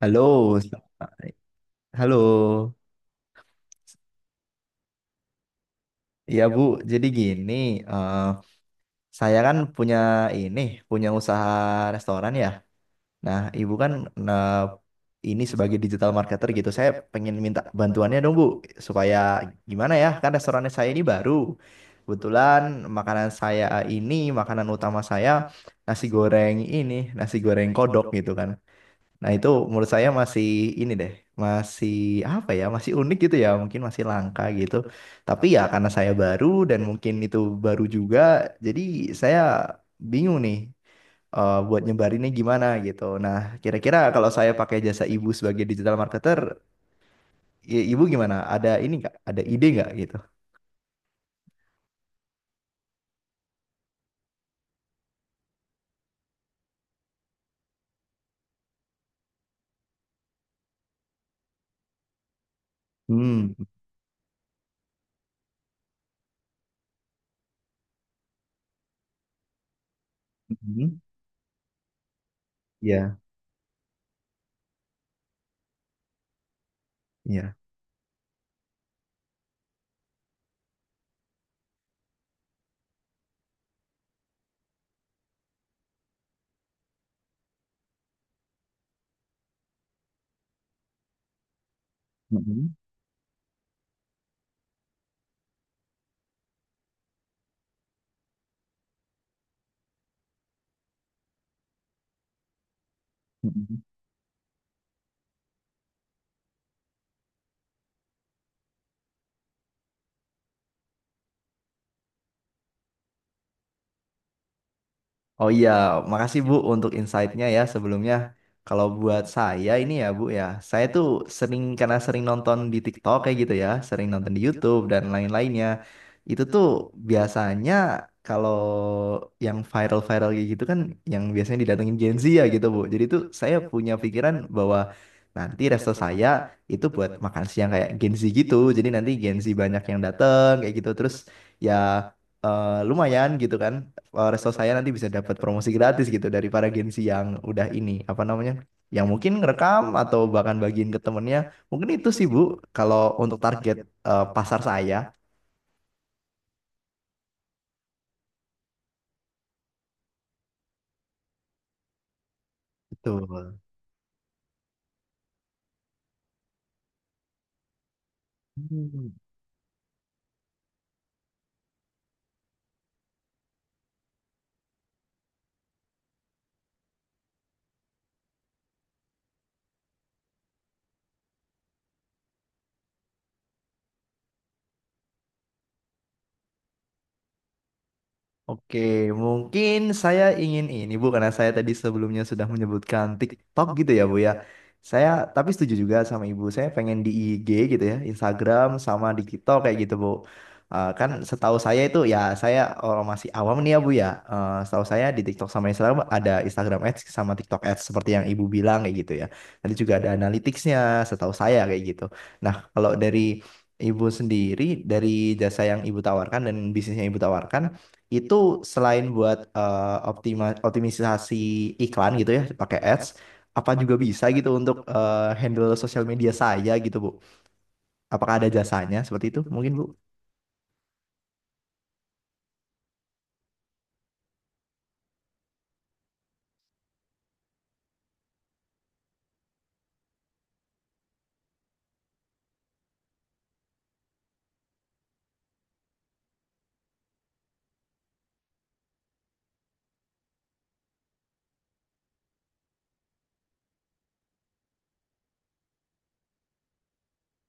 Halo, selamat- halo. Ya Bu, jadi gini, eh, saya kan punya ini, punya usaha restoran ya. Nah, Ibu kan, nah, ini sebagai digital marketer gitu, saya pengen minta bantuannya dong Bu, supaya gimana ya, kan restorannya saya ini baru. Kebetulan makanan saya ini, makanan utama saya nasi goreng ini, nasi goreng kodok gitu kan. Nah, itu menurut saya masih ini deh, masih apa ya, masih unik gitu ya, mungkin masih langka gitu. Tapi ya karena saya baru dan mungkin itu baru juga, jadi saya bingung nih, buat nyebarinnya gimana gitu. Nah, kira-kira kalau saya pakai jasa ibu sebagai digital marketer, ibu gimana? Ada ini nggak? Ada ide nggak gitu? Hmm. Mhm. Ya, ya. Mhm. Mhm. Oh iya, makasih Bu untuk insight-nya ya sebelumnya. Kalau buat saya ini ya Bu ya, saya tuh sering karena sering nonton di TikTok kayak gitu ya, sering nonton di YouTube dan lain-lainnya. Itu tuh biasanya kalau yang viral-viral kayak gitu kan yang biasanya didatengin Gen Z ya gitu Bu. Jadi tuh saya punya pikiran bahwa nanti resto saya itu buat makan siang kayak Gen Z gitu. Jadi nanti Gen Z banyak yang dateng kayak gitu. Terus ya, lumayan gitu kan, resto saya nanti bisa dapat promosi gratis gitu dari para Gen yang udah ini apa namanya, yang mungkin ngerekam atau bahkan bagiin ke temennya, mungkin itu sih Bu kalau untuk target, pasar saya. Betul. Oke, mungkin saya ingin ini Bu karena saya tadi sebelumnya sudah menyebutkan TikTok gitu ya Bu ya. Saya tapi setuju juga sama Ibu. Saya pengen di IG gitu ya, Instagram sama di TikTok kayak gitu Bu. Kan setahu saya itu ya, saya orang masih awam nih ya Bu ya. Setahu saya di TikTok sama Instagram ada Instagram Ads sama TikTok Ads seperti yang Ibu bilang kayak gitu ya. Tadi juga ada analyticsnya setahu saya kayak gitu. Nah, kalau dari Ibu sendiri, dari jasa yang ibu tawarkan dan bisnis yang ibu tawarkan itu, selain buat optimisasi iklan gitu ya pakai ads, apa juga bisa gitu untuk handle sosial media saya gitu Bu, apakah ada jasanya seperti itu mungkin Bu?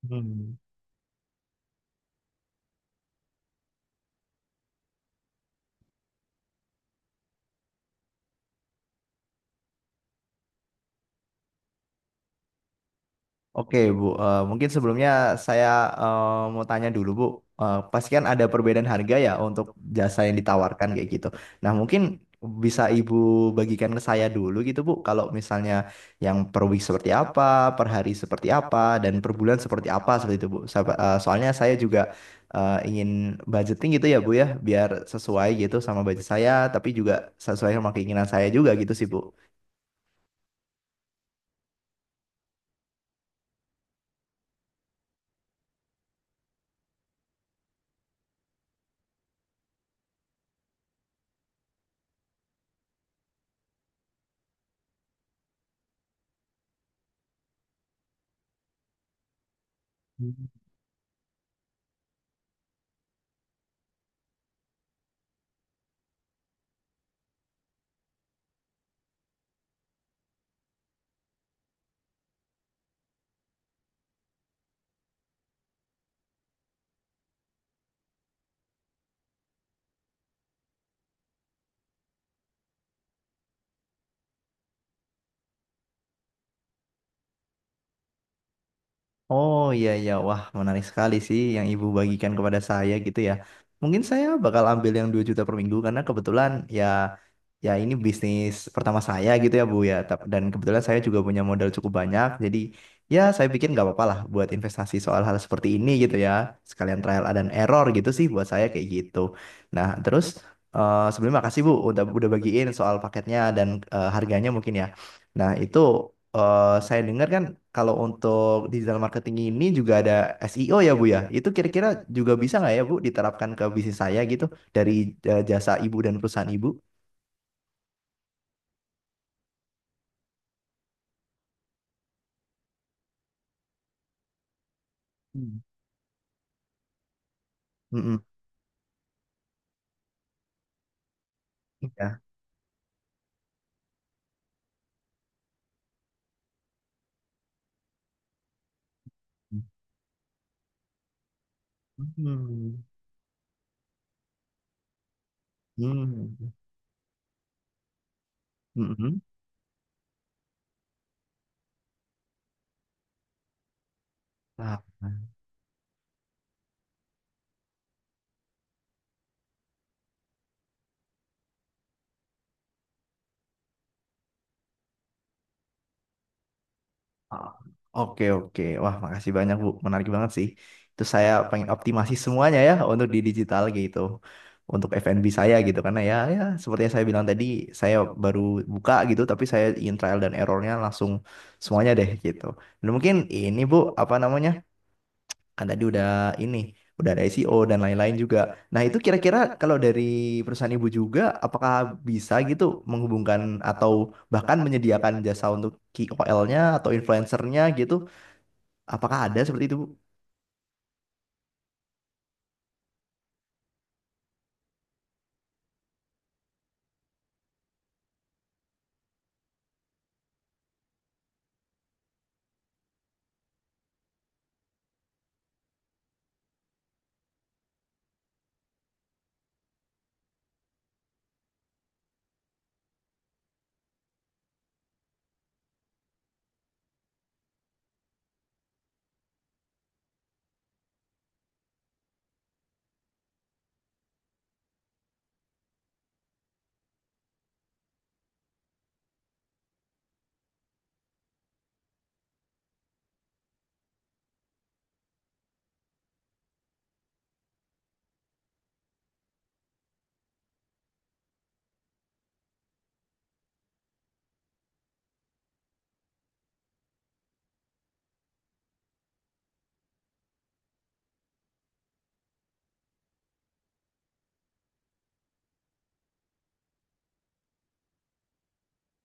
Hmm. Oke, Bu. Mungkin sebelumnya saya, eh, mau tanya dulu, Bu. Eh, pasti kan ada perbedaan harga ya untuk jasa yang ditawarkan kayak gitu. Nah, mungkin bisa Ibu bagikan ke saya dulu gitu, Bu. Kalau misalnya yang per week seperti apa, per hari seperti apa, dan per bulan seperti apa seperti itu, Bu. Soalnya saya juga, ingin budgeting gitu ya, Bu ya, biar sesuai gitu sama budget saya, tapi juga sesuai sama keinginan saya juga gitu sih, Bu. Oh iya iya, wah menarik sekali sih yang ibu bagikan kepada saya gitu ya. Mungkin saya bakal ambil yang 2 juta per minggu karena kebetulan ya, ya ini bisnis pertama saya gitu ya Bu ya. Dan kebetulan saya juga punya modal cukup banyak, jadi ya saya pikir nggak apa-apa lah buat investasi soal hal seperti ini gitu ya. Sekalian trial dan error gitu sih buat saya kayak gitu. Nah, terus, sebelumnya makasih Bu udah bagiin soal paketnya dan, harganya mungkin ya. Nah, itu saya dengar kan kalau untuk digital marketing ini juga ada SEO ya Bu ya. Itu kira-kira juga bisa nggak ya Bu diterapkan ke bisnis saya gitu, dari, jasa Ibu dan perusahaan Ibu? Hmm. Mm-mm. Ya. Hmm. Hmm. Mm-mm. Ah. Ah. Oke, oke. Wah, makasih banyak, Bu. Menarik banget sih. Itu saya pengen optimasi semuanya ya untuk di digital gitu. Untuk F&B saya gitu. Karena ya, ya seperti yang saya bilang tadi, saya baru buka gitu, tapi saya ingin trial dan errornya langsung semuanya deh gitu. Dan mungkin ini, Bu, apa namanya? Kan tadi udah ini, udah ada SEO dan lain-lain juga. Nah, itu kira-kira kalau dari perusahaan ibu juga, apakah bisa gitu menghubungkan atau bahkan menyediakan jasa untuk KOL-nya atau influencernya gitu? Apakah ada seperti itu, Bu?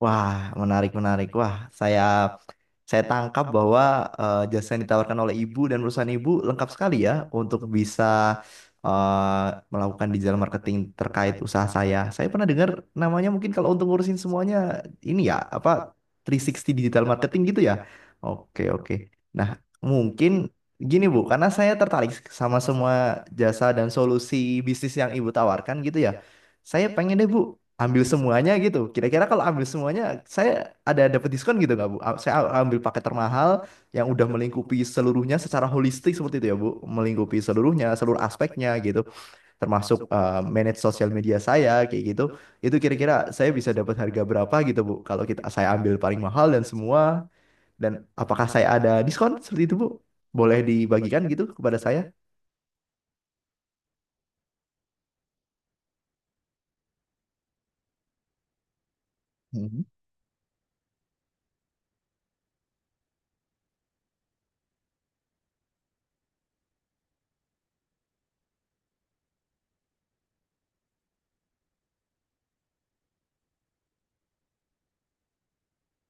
Wah, menarik, menarik. Wah, saya tangkap bahwa, jasa yang ditawarkan oleh ibu dan perusahaan ibu lengkap sekali ya untuk bisa, melakukan digital marketing terkait usaha saya. Saya pernah dengar namanya, mungkin kalau untuk ngurusin semuanya ini ya apa, 360 digital marketing gitu ya. Oke, oke. Nah, mungkin gini Bu, karena saya tertarik sama semua jasa dan solusi bisnis yang Ibu tawarkan gitu ya. Saya pengen deh Bu ambil semuanya gitu. Kira-kira kalau ambil semuanya, saya ada dapat diskon gitu nggak Bu? Saya ambil paket termahal yang udah melingkupi seluruhnya secara holistik seperti itu ya Bu, melingkupi seluruhnya, seluruh aspeknya gitu, termasuk, manage sosial media saya kayak gitu. Itu kira-kira saya bisa dapat harga berapa gitu Bu? Kalau saya ambil paling mahal dan semua, dan apakah saya ada diskon seperti itu Bu? Boleh dibagikan gitu kepada saya? Mhm.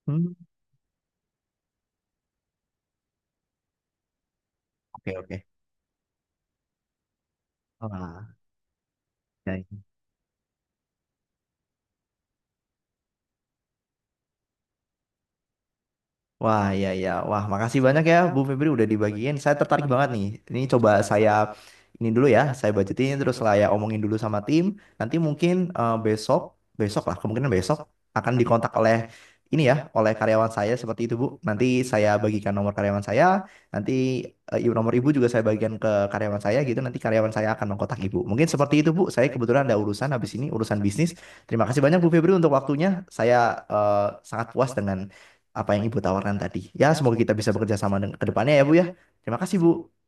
Hmm. Oke, oke. Wah, ya. Wah, ya, ya. Wah, makasih banyak ya, Bu Febri udah dibagiin. Saya tertarik banget nih. Ini coba saya ini dulu ya, saya budgetin terus saya omongin dulu sama tim. Nanti mungkin, besok, besok lah, kemungkinan besok akan dikontak oleh ini ya, oleh karyawan saya seperti itu, Bu. Nanti saya bagikan nomor karyawan saya, nanti, nomor Ibu juga saya bagikan ke karyawan saya gitu. Nanti karyawan saya akan mengkontak Ibu. Mungkin seperti itu, Bu. Saya kebetulan ada urusan habis ini, urusan bisnis. Terima kasih banyak Bu Febri untuk waktunya. Saya, eh, sangat puas dengan apa yang Ibu tawarkan tadi. Ya, semoga kita bisa bekerja sama ke depannya ya, Bu ya. Terima kasih, Bu.